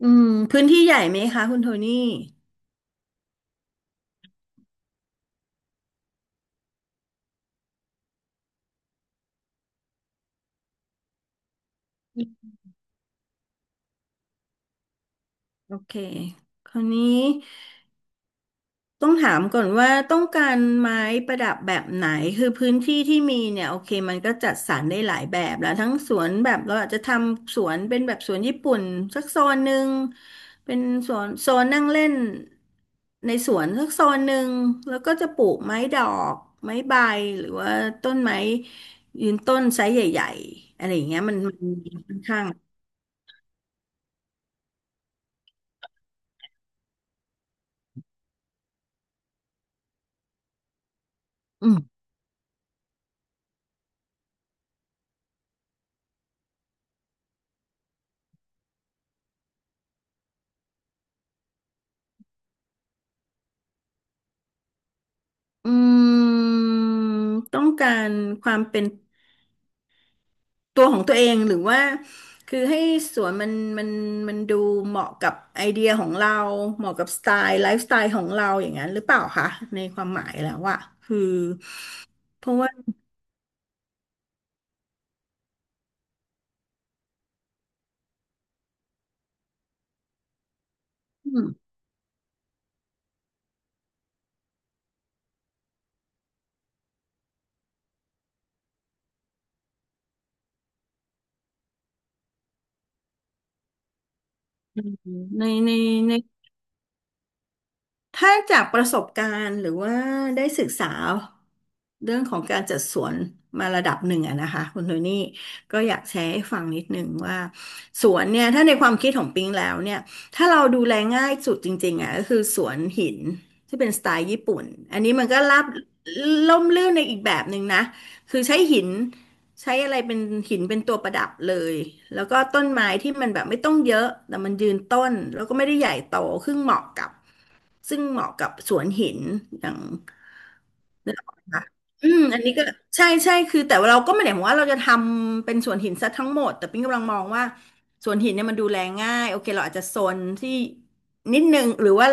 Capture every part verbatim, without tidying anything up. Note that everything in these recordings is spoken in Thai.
อืมพื้นที่ใหญ่ไหมคะคุณโทนี่โอเคคราวนี้ต้องถามก่อนว่าต้องการไม้ประดับแบบไหนคือพื้นที่ที่มีเนี่ยโอเคมันก็จัดสรรได้หลายแบบแล้วทั้งสวนแบบเราอาจจะทำสวนเป็นแบบสวนญี่ปุ่นสักโซนหนึ่งเป็นสวนโซนนั่งเล่นในสวนสักโซนหนึ่งแล้วก็จะปลูกไม้ดอกไม้ใบหรือว่าต้นไม้ยืนต้นไซส์ใหญ่ๆอะไรอย่างเงี้ยมันมันค่อนข้างอืม อืมต้องการความเป็นตัวของตัวเองหรือว่าคือให้สวนมันมันมันดูเหมาะกับไอเดียของเราเหมาะกับสไตล์ไลฟ์สไตล์ของเราอย่างนั้นหรือเปล่าคะในความหมายแล้วว่าคือเพราะว่าอืมในในใน ถ้าจากประสบการณ์หรือว่าได้ศึกษาเรื่องของการจัดสวนมาระดับหนึ่งอะนะคะคุณโทนี่ก็อยากแชร์ให้ฟังนิดนึงว่าสวนเนี่ยถ้าในความคิดของปิงแล้วเนี่ยถ้าเราดูแลง่ายสุดจริงๆอะก็คือสวนหินที่เป็นสไตล์ญี่ปุ่นอันนี้มันก็ราบล่มลื่นในอีกแบบหนึ่งนะคือใช้หิน ใช้อะไรเป็นหินเป็นตัวประดับเลย แล้วก็ต้นไม้ที่มันแบบไม่ต้องเยอะ แต่มันยืนต้น แล้วก็ไม่ได้ใหญ่โตซึ่งเหมาะกับ ซึ่งเหมาะกับสวนหินอย่างนึกออกไหมคะอืมอันนี้ก็ใช่ใช่คือแต่ว่าเราก็ไม่ได้หมายว่าเราจะทำเป็นสวนหินซะทั้งหมดแต่ปิ๊งกำลังมองว่าสวนหินเนี่ยมันดูแลง่าย โอเคเราอาจจะโซนที่นิดนึงหรือว่า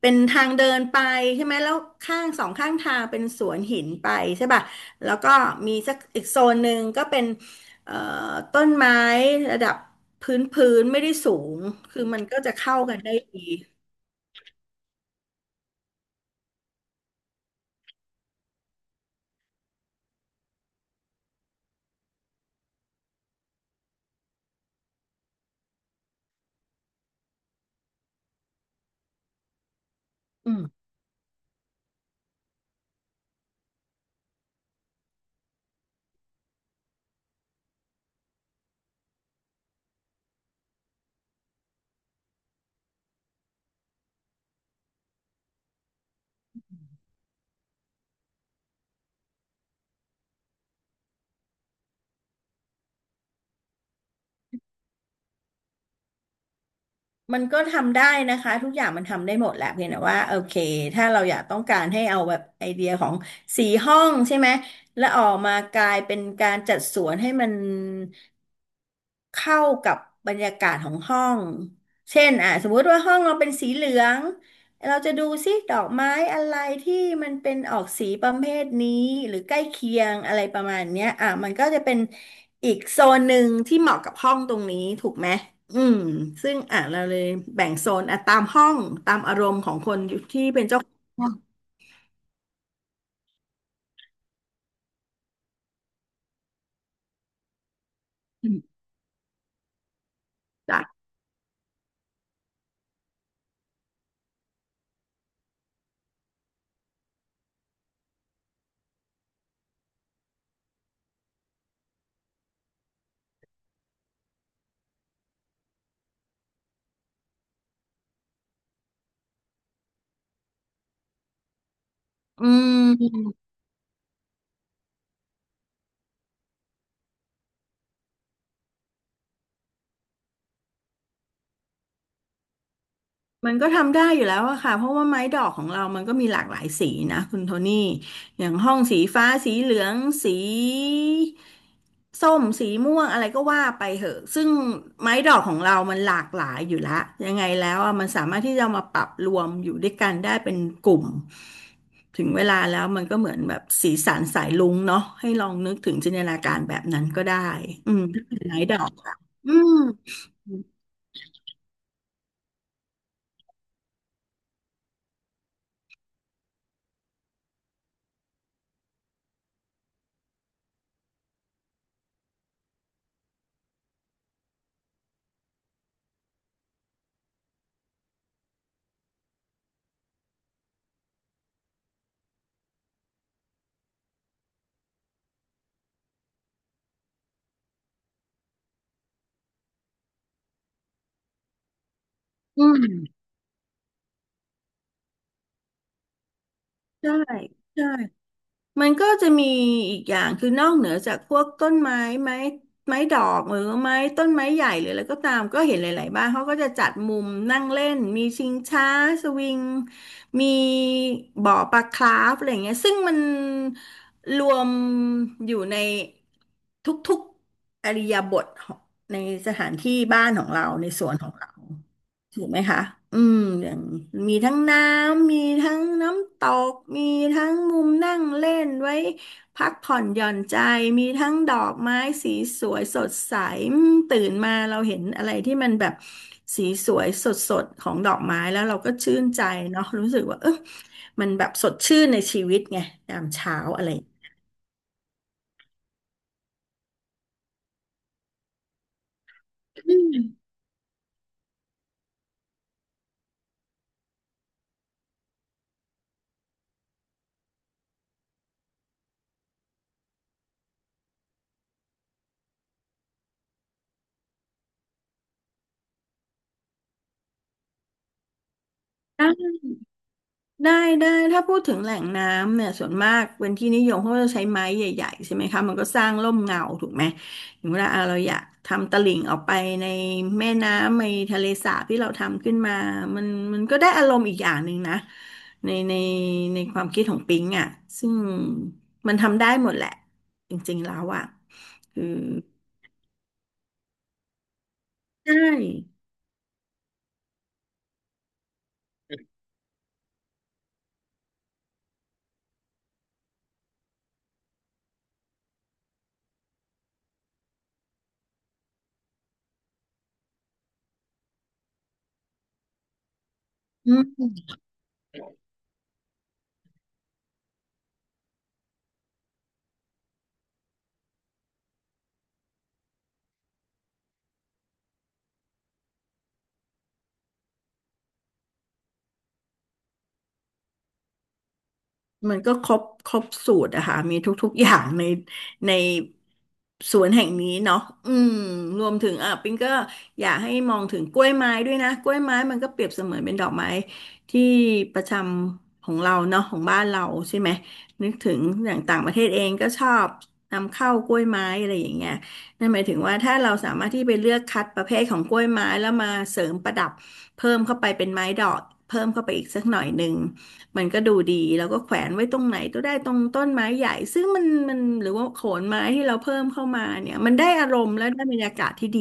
เป็นทางเดินไปใช่ไหมแล้วข้างสองข้างทางเป็นสวนหินไปใช่ป่ะแล้วก็มีสักอีกโซนหนึ่งก็เป็นเอ่อต้นไม้ระดับพื้นพื้นไม่ได้สูงคือมันก็จะเข้ากันได้ดีอืม มันก็ทำได้นะคะทุกอย่างมันทำได้หมดแหละเพียงแต่ว่าโอเคถ้าเราอยากต้องการให้เอาแบบไอเดียของสีห้องใช่ไหมแล้วออกมากลายเป็นการจัดสวนให้มันเข้ากับบรรยากาศของห้องเช่นอ่ะสมมุติว่าห้องเราเป็นสีเหลือง เราจะดูซิดอกไม้อะไรที่มันเป็นออกสีประเภทนี้หรือใกล้เคียงอะไรประมาณเนี้ยอ่ะมันก็จะเป็นอีกโซนหนึ่งที่เหมาะกับห้องตรงนี้ถูกไหมอืมซึ่งอ่ะเราเลยแบ่งโซนอ่ะตามห้องตามอารมณ์ของคนที่เป็นเจ้าของห้องจ้ะอืม มันก็ทำได้อยู่แล้วอะค่ะเพราะว่าไม้ดอกของเรามันก็มีหลากหลายสีนะคุณโทนี่อย่างห้องสีฟ้าสีเหลืองสีส้มสีม่วงอะไรก็ว่าไปเหอะซึ่งไม้ดอกของเรามันหลากหลายอยู่ละยังไงแล้วอะมันสามารถที่จะเอามาปรับรวมอยู่ด้วยกันได้เป็นกลุ่มถึงเวลาแล้วมันก็เหมือนแบบสีสันสายรุ้งเนาะให้ลองนึกถึงจินตนาการแบบนั้นก็ได้อืมถ้าเป็นไม้ดอกค่ะอืมอืมใช่ใช่ มันก็จะมีอีกอย่างคือนอกเหนือจากพวกต้นไม้ไม้ไม้ดอกหรือไม้ต้นไม้ใหญ่หรืออะไรก็ตามก็เห็นหลายๆบ้านเขาก็จะจัดมุมนั่งเล่นมีชิงช้าสวิงมีบ่อปลาคราฟอะไรอย่างเงี้ยซึ่งมันรวมอยู่ในทุกๆอิริยาบถของในสถานที่บ้านของเราในสวนของเรา ถูกไหมคะอืมอย่างมีทั้งน้ำมีทั้งน้ำตก มีทั้งมุมนั่งเล่นไว้พักผ่อนหย่อนใจ มีทั้งดอกไม้สีสวยสดใสอืมตื่นมาเราเห็นอะไรที่มันแบบสีสวยสดสดของดอกไม้แล้วเราก็ชื่นใจเนาะรู้สึกว่าเออมันแบบสดชื่นในชีวิตไงยามเช้าอะไร ได้ได้ถ้าพูดถึงแหล่งน้ำเนี่ยส่วนมากเป็นที่นิยมเพราะว่าเราใช้ไม้ใหญ่ๆใช่ไหมคะมันก็สร้างร่มเงาถูกไหมอย่างเวลาอ่ะเราอยากทำตลิ่งออกไปในแม่น้ำในทะเลสาบที่เราทำขึ้นมามันมันก็ได้อารมณ์อีกอย่างหนึ่งนะในในในความคิดของปิงอ่ะซึ่งมันทำได้หมดแหละจริงๆแล้วอ่ะคือใช่อืม มันก็ครบครบสูตรอะค่ะมีทุกๆอย่างในในสวนแห่งนี้เนาะอืมรวมถึงอ่ะปิงก็อยากให้มองถึงกล้วยไม้ด้วยนะกล้วยไม้มันก็เปรียบเสมือนเป็นดอกไม้ที่ประจำของเราเนาะของบ้านเราใช่ไหมนึกถึงอย่างต่างประเทศเองก็ชอบนำเข้ากล้วยไม้อะไรอย่างเงี้ยนั่นหมายถึงว่าถ้าเราสามารถที่ไปเลือกคัดประเภทของกล้วยไม้แล้วมาเสริมประดับเพิ่มเข้าไปเป็นไม้ดอกเพิ่มเข้าไปอีกสักหน่อยหนึ่ง มันก็ดูดีแล้วก็แขวนไว้ตรงไหนก็ได้ตรงต้นไม้ใหญ่ซึ่งมันมันหรือว่าโขนไม้ที่เราเพิ่มเข้ามาเนี่ยมันได้อารมณ์และได้บรรยากาศที่ดี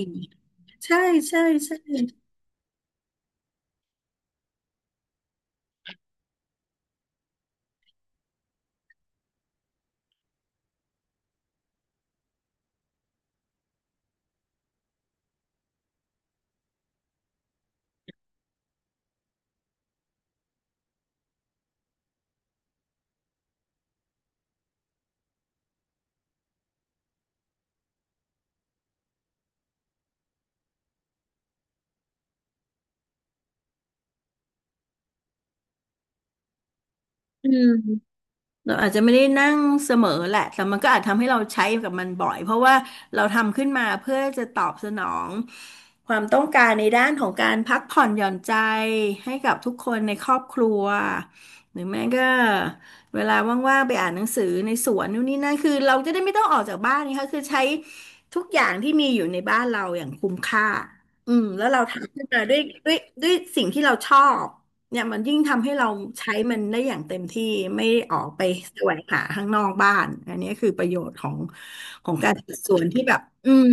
ใช่ใช่ใช่อืม เราอาจจะไม่ได้นั่งเสมอแหละแต่มันก็อาจทำให้เราใช้กับมันบ่อยเพราะว่าเราทำขึ้นมาเพื่อจะตอบสนองความต้องการในด้านของการพักผ่อนหย่อนใจให้กับทุกคนในครอบครัวหรือแม้ก็เวลาว่างๆไปอ่านหนังสือในสวนนู่นนี่นั่นคือเราจะได้ไม่ต้องออกจากบ้านนะคะคือใช้ทุกอย่างที่มีอยู่ในบ้านเราอย่างคุ้มค่าอืมแล้วเราทำขึ้นมาด้วยด้วยด้วยสิ่งที่เราชอบ เนี่ยมันยิ่งทำให้เราใช้มันได้อย่างเต็มที่ไม่ออกไปแสวงหาข้างนอกบ้านอันนี้คือประโยชน์ของของการจัดสวนที่แบบอืม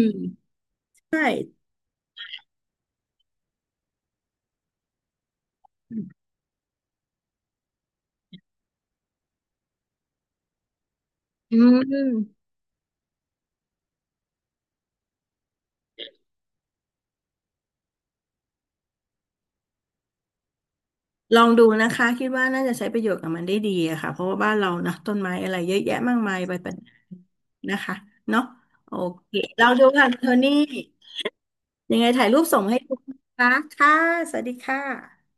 ใช่อืมลองดูนะคะคิดว่าน่าจะใช้ประโยชน์กับมันได้ดีอะค่ะเพราะว่าบ้านเรานะต้นไม้อะไรเยอะแยะมากมายไปเป็นนะคะเนาะโอเคเราดูค่ะโทนี่ยังไงถ่ายรูปส่งให้ดูนะคะค่ะสวัสดีค่ะ